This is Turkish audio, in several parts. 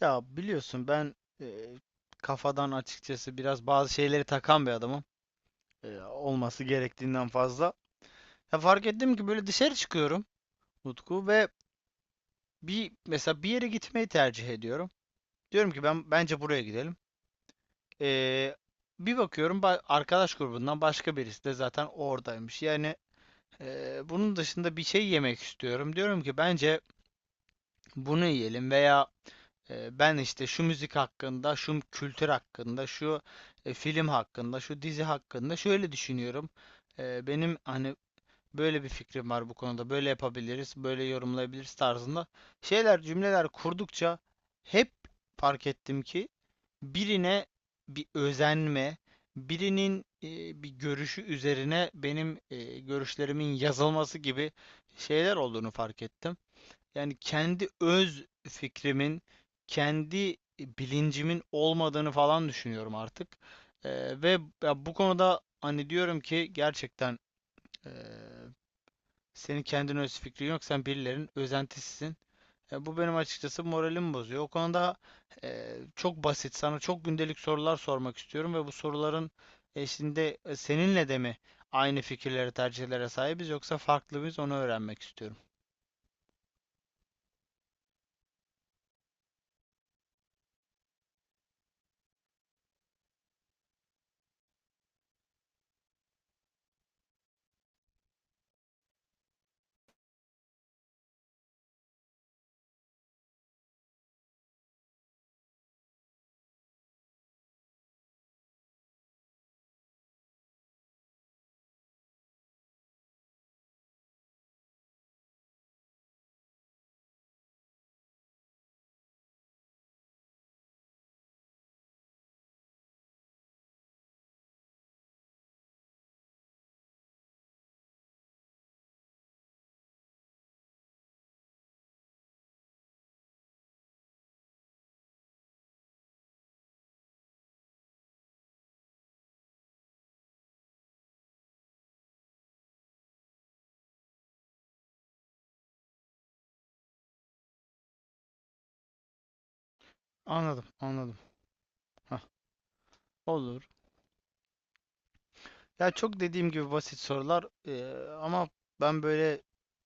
Ya biliyorsun ben e, kafadan açıkçası biraz bazı şeyleri takan bir adamım. Olması gerektiğinden fazla. Ya fark ettim ki böyle dışarı çıkıyorum Utku ve mesela bir yere gitmeyi tercih ediyorum. Diyorum ki ben bence buraya gidelim. E, Bir bakıyorum arkadaş grubundan başka birisi de zaten oradaymış. Yani bunun dışında bir şey yemek istiyorum. Diyorum ki bence bunu yiyelim veya ben işte şu müzik hakkında, şu kültür hakkında, şu film hakkında, şu dizi hakkında şöyle düşünüyorum. Benim hani böyle bir fikrim var bu konuda. Böyle yapabiliriz, böyle yorumlayabiliriz tarzında şeyler, cümleler kurdukça hep fark ettim ki birine bir özenme, birinin bir görüşü üzerine benim görüşlerimin yazılması gibi şeyler olduğunu fark ettim. Yani kendi öz fikrimin, kendi bilincimin olmadığını falan düşünüyorum artık. Ve ya bu konuda hani diyorum ki gerçekten eee, senin kendin öz fikrin yok, sen birilerinin özentisisin. E, bu benim açıkçası moralimi bozuyor. O konuda çok basit, sana çok gündelik sorular sormak istiyorum ve bu soruların eşliğinde seninle de mi aynı fikirlere, tercihlere sahibiz yoksa farklı mıyız onu öğrenmek istiyorum. Anladım, anladım. Hah, olur. Ya çok dediğim gibi basit sorular, ama ben böyle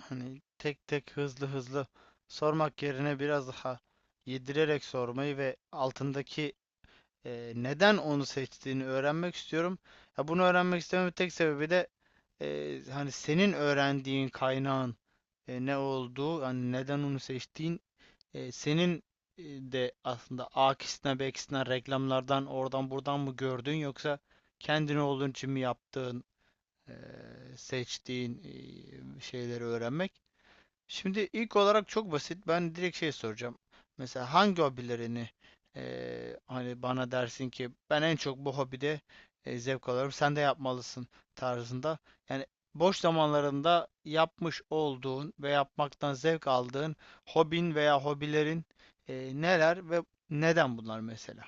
hani tek tek hızlı hızlı sormak yerine biraz daha yedirerek sormayı ve altındaki neden onu seçtiğini öğrenmek istiyorum. Ya bunu öğrenmek istememin tek sebebi de hani senin öğrendiğin kaynağın ne olduğu, hani neden onu seçtiğin, senin de aslında A'kisinden B'kisinden reklamlardan oradan buradan mı gördün yoksa kendin olduğun için mi yaptığın e, seçtiğin şeyleri öğrenmek. Şimdi ilk olarak çok basit. Ben direkt şey soracağım. Mesela hangi hobilerini hani bana dersin ki ben en çok bu hobide zevk alıyorum. Sen de yapmalısın tarzında. Yani boş zamanlarında yapmış olduğun ve yapmaktan zevk aldığın hobin veya hobilerin neler ve neden bunlar mesela?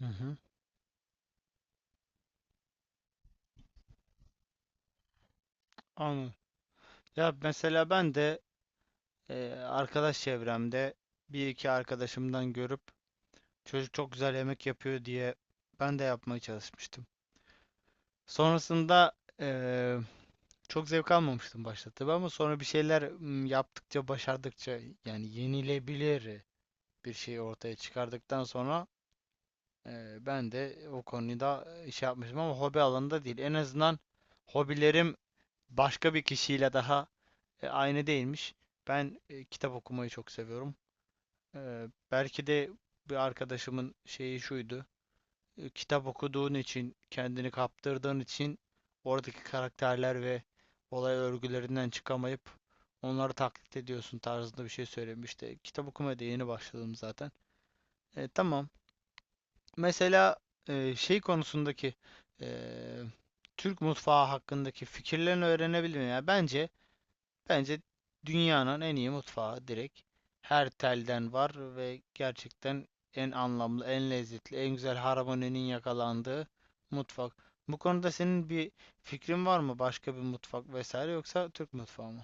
Hı hı. Anladım. Ya mesela ben de arkadaş çevremde bir iki arkadaşımdan görüp çocuk çok güzel yemek yapıyor diye ben de yapmaya çalışmıştım. Sonrasında eee, çok zevk almamıştım başta tabii ama sonra bir şeyler yaptıkça, başardıkça yani yenilebilir bir şey ortaya çıkardıktan sonra, ben de o konuda iş yapmıştım ama hobi alanında değil. En azından hobilerim başka bir kişiyle daha aynı değilmiş. Ben kitap okumayı çok seviyorum. Belki de bir arkadaşımın şeyi şuydu. E, Kitap okuduğun için, kendini kaptırdığın için oradaki karakterler ve olay örgülerinden çıkamayıp onları taklit ediyorsun tarzında bir şey söylemişti. Kitap okumaya da yeni başladım zaten. E, tamam. Mesela şey konusundaki e, Türk mutfağı hakkındaki fikirlerini öğrenebilirim. Yani bence, dünyanın en iyi mutfağı direkt. Her telden var ve gerçekten en anlamlı, en lezzetli, en güzel harmoninin yakalandığı mutfak. Bu konuda senin bir fikrin var mı? Başka bir mutfak vesaire yoksa Türk mutfağı mı?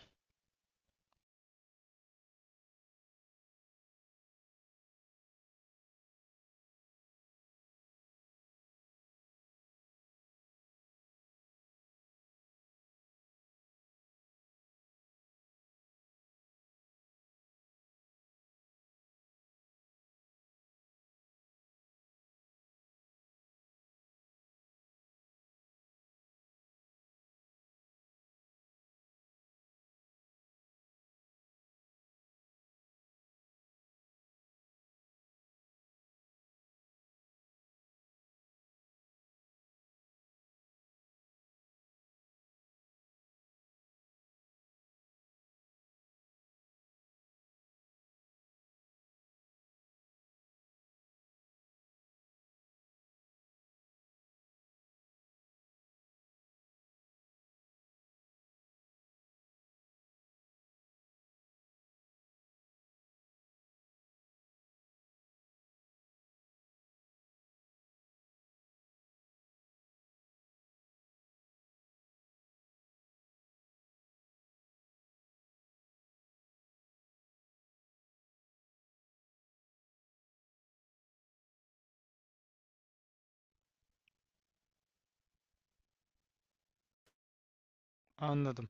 Anladım,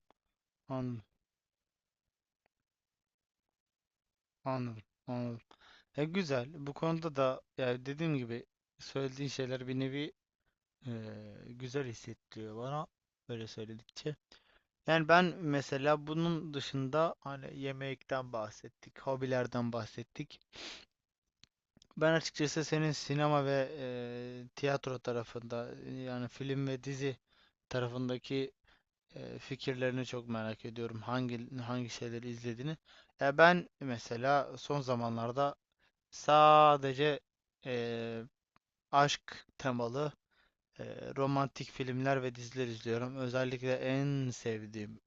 anladım, anladım, anladım. E güzel. Bu konuda da yani dediğim gibi söylediğin şeyler bir nevi e, güzel hissettiriyor bana böyle söyledikçe. Yani ben mesela bunun dışında hani yemekten bahsettik, hobilerden bahsettik. Ben açıkçası senin sinema ve tiyatro tarafında yani film ve dizi tarafındaki fikirlerini çok merak ediyorum. Hangi şeyleri izlediğini. Ya ben mesela son zamanlarda sadece eee, aşk temalı romantik filmler ve diziler izliyorum. Özellikle en sevdiğim,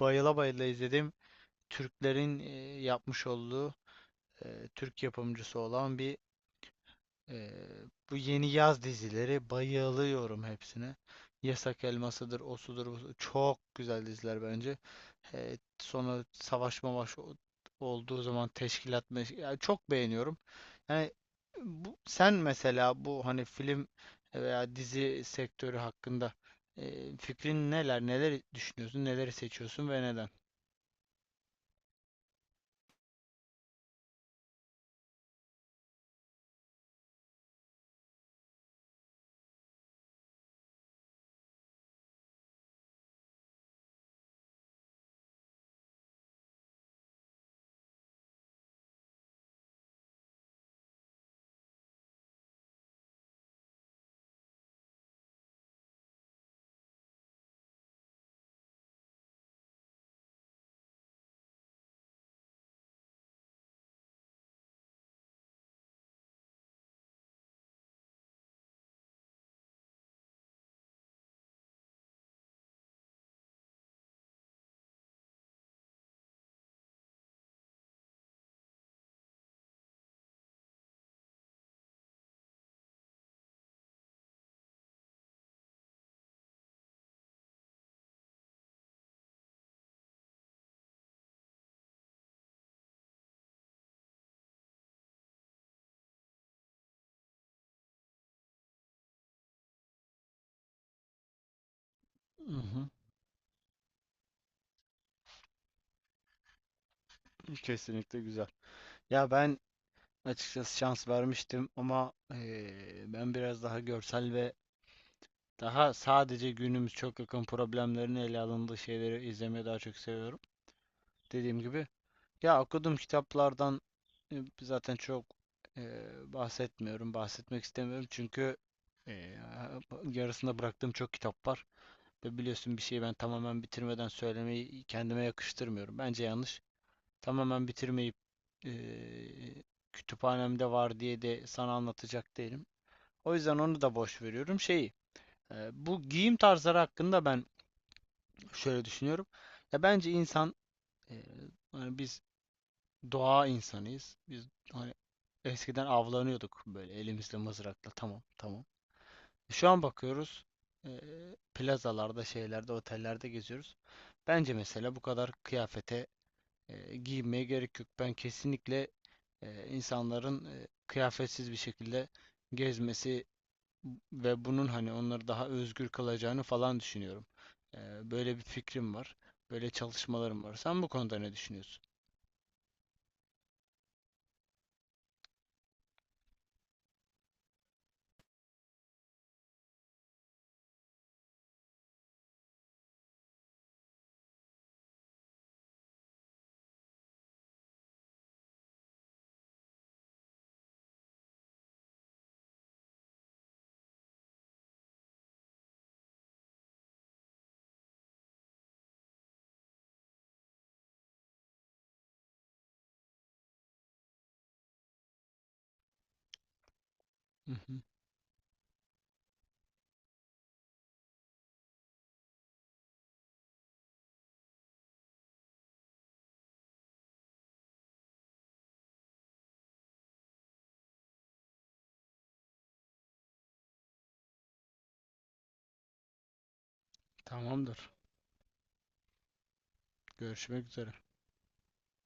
bayıla bayıla izlediğim Türklerin yapmış olduğu Türk yapımcısı olan bir e, bu yeni yaz dizileri bayılıyorum hepsine. Yasak Elması'dır, Osu'dur, busudur. Çok güzel diziler bence. E, sonra savaş mavaş olduğu zaman teşkilat yani çok beğeniyorum. Yani bu, sen mesela bu hani film veya dizi sektörü hakkında fikrin neler, neler düşünüyorsun, neleri seçiyorsun ve neden? Mhm. Kesinlikle güzel. Ya ben açıkçası şans vermiştim ama ben biraz daha görsel ve daha sadece günümüz çok yakın problemlerini ele alındığı şeyleri izlemeyi daha çok seviyorum. Dediğim gibi ya okuduğum kitaplardan zaten çok e, bahsetmiyorum, bahsetmek istemiyorum çünkü e, yarısında bıraktığım çok kitap var ve biliyorsun bir şeyi ben tamamen bitirmeden söylemeyi kendime yakıştırmıyorum. Bence yanlış tamamen bitirmeyip eee, kütüphanemde var diye de sana anlatacak değilim. O yüzden onu da boş veriyorum. Şeyi, bu giyim tarzları hakkında ben şöyle düşünüyorum. Ya bence insan, eee, hani biz doğa insanıyız. Biz hani eskiden avlanıyorduk böyle elimizle mızrakla. Tamam, tamam. Şu an bakıyoruz. Plazalarda, şeylerde, otellerde geziyoruz. Bence mesela bu kadar kıyafete giyinmeye gerek yok. Ben kesinlikle insanların kıyafetsiz bir şekilde gezmesi ve bunun hani onları daha özgür kılacağını falan düşünüyorum. E, böyle bir fikrim var. Böyle çalışmalarım var. Sen bu konuda ne düşünüyorsun? Hı hı. Tamamdır. Görüşmek üzere.